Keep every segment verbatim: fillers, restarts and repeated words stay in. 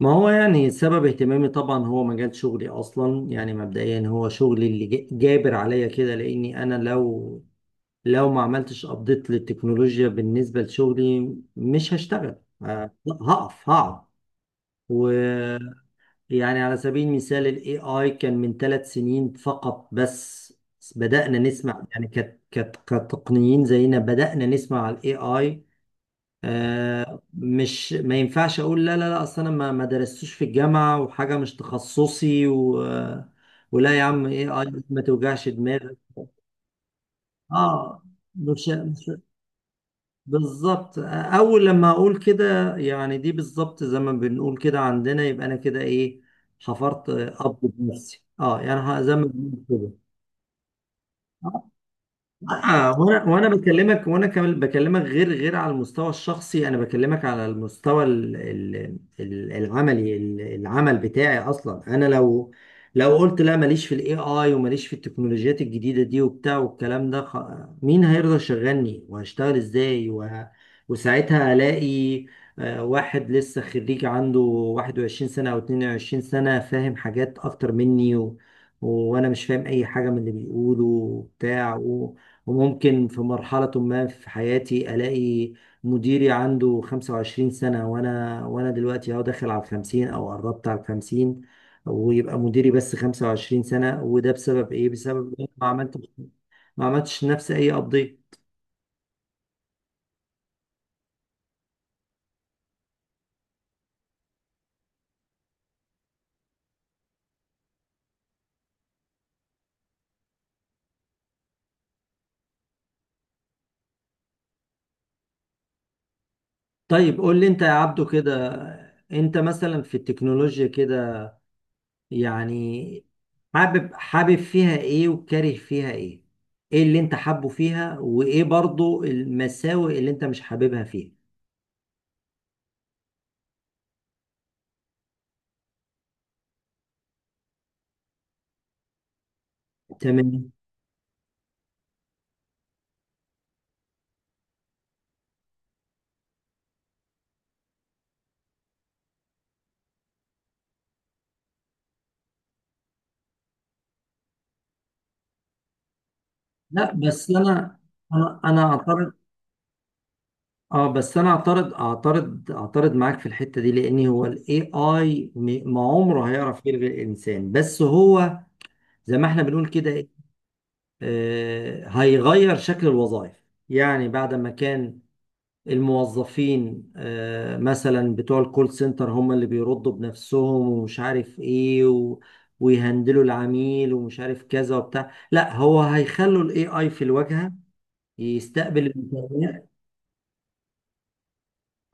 ما هو يعني سبب اهتمامي طبعا هو مجال شغلي اصلا يعني مبدئيا هو شغلي اللي جا- جابر عليا كده لاني انا لو لو ما عملتش ابديت للتكنولوجيا بالنسبه لشغلي مش هشتغل. ه- هقف هقعد ويعني. على سبيل المثال الاي اي كان من ثلاث سنين فقط. بس بدأنا نسمع يعني كت- كت- كتقنيين زينا بدأنا نسمع على الاي اي. آه، مش ما ينفعش اقول لا لا لا، اصل انا ما ما درستوش في الجامعه وحاجه مش تخصصي و... ولا يا عم ايه اي ما توجعش دماغك. اه مش مش- بالظبط. اول لما اقول كده يعني دي بالظبط زي ما بنقول كده عندنا، يبقى انا كده ايه، حفرت آه، اب بنفسي. اه يعني ه- زي ما بنقول كده. آه وانا وانا بكلمك وانا كمان بكلمك غير غير على المستوى الشخصي، انا بكلمك على المستوى ال- ال- ال- العملي، ال- العمل بتاعي اصلا. انا لو لو قلت لا ماليش في الاي اي وماليش في التكنولوجيات الجديدة دي وبتاع والكلام ده خ... مين هيرضى يشغلني وهشتغل ازاي وه... وساعتها الاقي آه، واحد لسه خريج عنده واحد وعشرين سنة او اثنين وعشرين سنة فاهم حاجات اكتر مني و... وانا مش فاهم اي حاجة من اللي بيقوله وبتاع. وممكن في مرحلة ما في حياتي ألاقي مديري عنده خمسة وعشرين سنة، وأنا وأنا دلوقتي أهو داخل على الخمسين أو قربت على الخمسين، ويبقى مديري بس خمسة وعشرين سنة. وده بسبب إيه؟ بسبب إن أنا ما عملتش ما عملتش نفسي أي أبديت. طيب قول لي أنت يا عبدو كده، أنت مثلا في التكنولوجيا كده يعني حابب حابب فيها إيه وكاره فيها إيه؟ إيه اللي أنت حابه فيها وإيه برضو المساوئ اللي أنت مش حاببها فيها؟ تمام. لا بس انا انا انا اعترض. اه بس انا اعترض اعترض اعترض معاك في الحته دي، لان هو الاي اي ما عمره هيعرف يلغي الانسان. بس هو زي ما احنا بنقول كده إيه، آه هيغير شكل الوظائف. يعني بعد ما كان الموظفين آه مثلا بتوع الكول سنتر هم اللي بيردوا بنفسهم ومش عارف ايه، و ويهندلوا العميل ومش عارف كذا وبتاع، لا هو هيخلوا الاي اي في الواجهه يستقبل الامكانيات.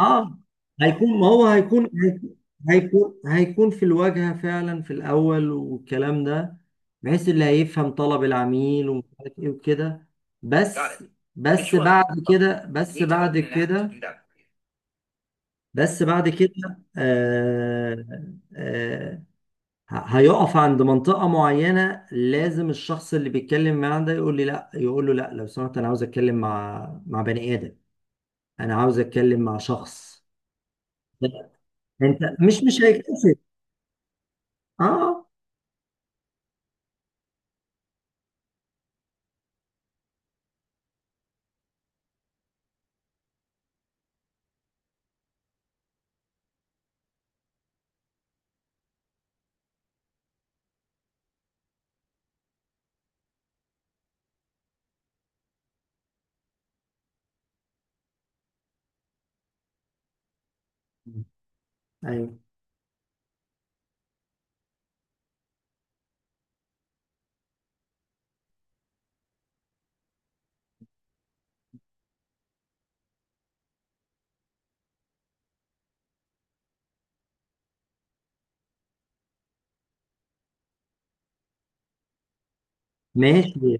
اه هيكون ما هو هيكون هيكون هيكون في الواجهه فعلا في الاول والكلام ده، بحيث اللي هيفهم طلب العميل ومش عارف ايه وكده، تعرف. بس يعني بس بعد كده بس بعد كده بس بعد كده آه آه، ه- هيقف عند منطقة معينة. لازم الشخص اللي بيتكلم معاه ده يقول لي لا، يقول له لا لو سمحت انا عاوز اتكلم مع مع بني آدم، انا عاوز اتكلم مع شخص. لأ، انت مش مش هيكتسب. اه ايوه ماشي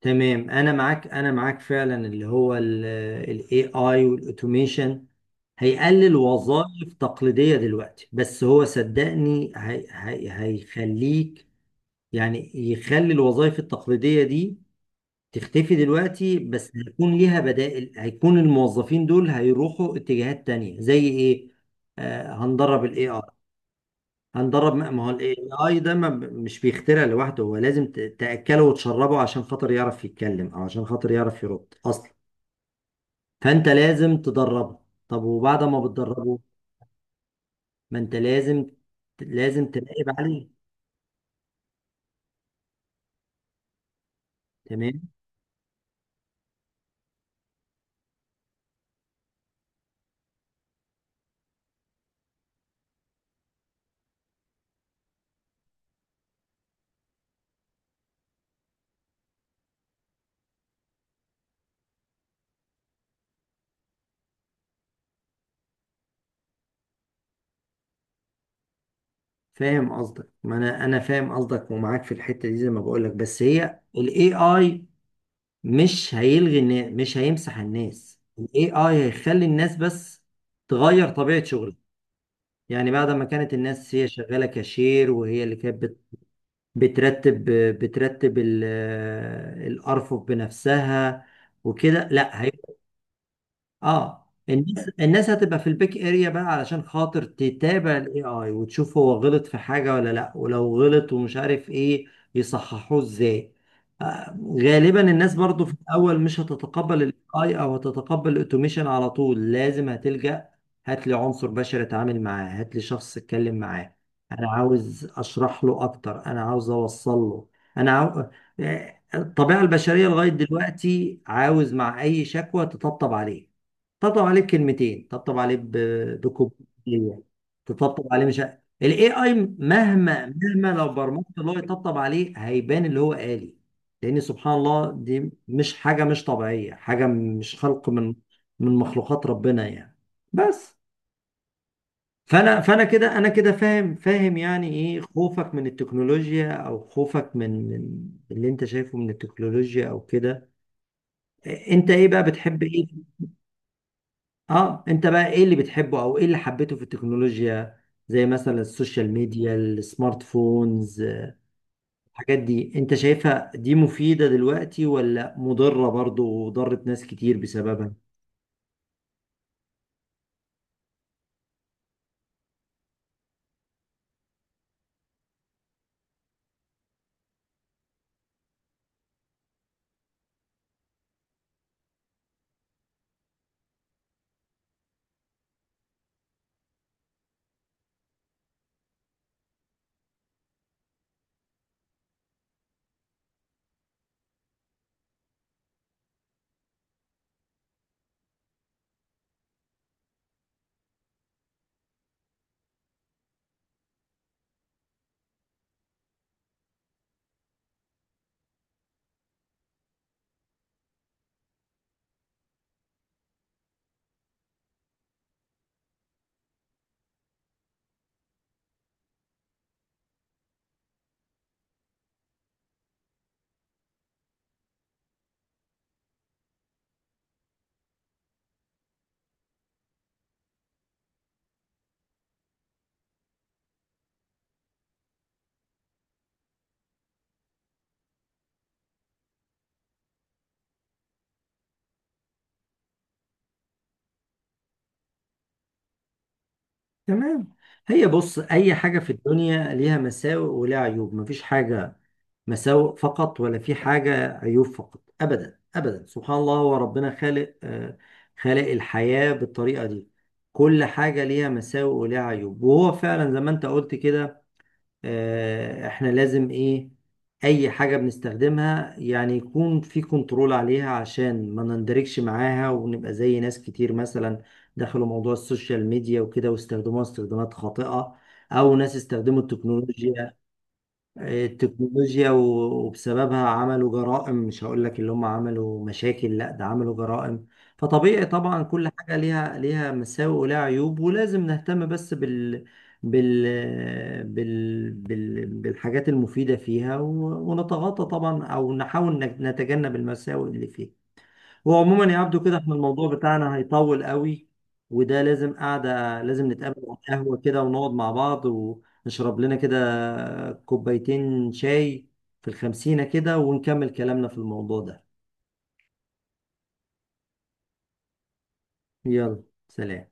تمام. انا معاك انا معاك فعلا، اللي هو الاي اي والاوتوميشن هيقلل وظائف تقليدية دلوقتي. بس هو صدقني هي هي هيخليك يعني يخلي الوظائف التقليدية دي تختفي دلوقتي، بس هيكون ليها بدائل. هيكون الموظفين دول هيروحوا اتجاهات تانية زي ايه. آه هندرب الاي اي. هندرب ما هو الاي اي ده ما ب- مش بيخترع لوحده، هو لازم ت- تاكله وتشربه عشان خاطر يعرف يتكلم او عشان خاطر يعرف يرد اصلا. فانت لازم تدربه. طب وبعد ما بتدربه ما انت لازم لازم تراقب عليه. تمام. فاهم قصدك. ما انا انا فاهم قصدك ومعاك في الحته دي زي ما بقول لك. بس هي الاي اي مش هيلغي الناس، مش هيمسح الناس. الاي اي هيخلي الناس بس تغير طبيعه شغلها. يعني بعد ما كانت الناس هي شغاله كاشير وهي اللي كانت بترتب بترتب ال- الأرفف بنفسها وكده، لا، اه الناس الناس هتبقى في البيك اريا بقى علشان خاطر تتابع الاي اي وتشوف هو غلط في حاجه ولا لا، ولو غلط ومش عارف ايه يصححوه ازاي. آه غالبا الناس برضو في الاول مش هتتقبل الاي اي او هتتقبل الاوتوميشن على طول. لازم هتلجأ، هات لي عنصر بشري اتعامل معاه، هات لي شخص اتكلم معاه، انا عاوز اشرح له اكتر، انا عاوز اوصل له، انا عاو... آه، الطبيعه البشريه لغايه دلوقتي عاوز مع اي شكوى تطبطب عليه. طبطب عليه بكلمتين، طبطب عليه ب- بكوبايه تطبطب عليه. مش ه- الاي اي مهما مهما لو برمجت اللي هو يطبطب عليه هيبان اللي هو آلي. لان سبحان الله دي مش حاجه، مش طبيعيه، حاجه مش خلق من من مخلوقات ربنا يعني. بس فانا فانا كده انا كده فاهم فاهم يعني ايه خوفك من التكنولوجيا، او خوفك من من اللي انت شايفه من التكنولوجيا او كده. انت ايه بقى بتحب ايه، اه انت بقى ايه اللي بتحبه او ايه اللي حبيته في التكنولوجيا؟ زي مثلا السوشيال ميديا، السمارت فونز، الحاجات دي انت شايفها دي مفيدة دلوقتي ولا مضرة برضو وضرت ناس كتير بسببها؟ تمام. هي بص اي حاجة في الدنيا ليها مساوئ وليها عيوب. مفيش حاجة مساوئ فقط ولا في حاجة عيوب فقط، ابدا ابدا. سبحان الله هو ربنا خالق آه، خالق الحياة بالطريقة دي. كل حاجة ليها مساوئ وليها عيوب. وهو فعلا زي ما انت قلت كده، آه، احنا لازم ايه، اي حاجة بنستخدمها يعني يكون في كنترول عليها، عشان ما نندركش معاها ونبقى زي ناس كتير مثلا دخلوا موضوع السوشيال ميديا وكده واستخدموها استخدامات خاطئة. او ناس استخدموا التكنولوجيا التكنولوجيا و- وبسببها عملوا جرائم. مش هقول لك اللي هم عملوا مشاكل، لا ده عملوا جرائم. فطبيعي طبعا كل حاجة ليها ليها مساوئ ولها عيوب، ولازم نهتم بس بال بال بال, بال... بالحاجات المفيدة فيها و... ونتغاضى طبعا او نحاول نج- نتجنب المساوئ اللي فيها. هو عموما يا عبدو كده احنا الموضوع بتاعنا هيطول قوي، وده لازم قعدة، لازم نتقابل على القهوة كده ونقعد مع بعض ونشرب لنا كده كوبايتين شاي في الخمسينة كده، ونكمل كلامنا في الموضوع ده. يلا. سلام.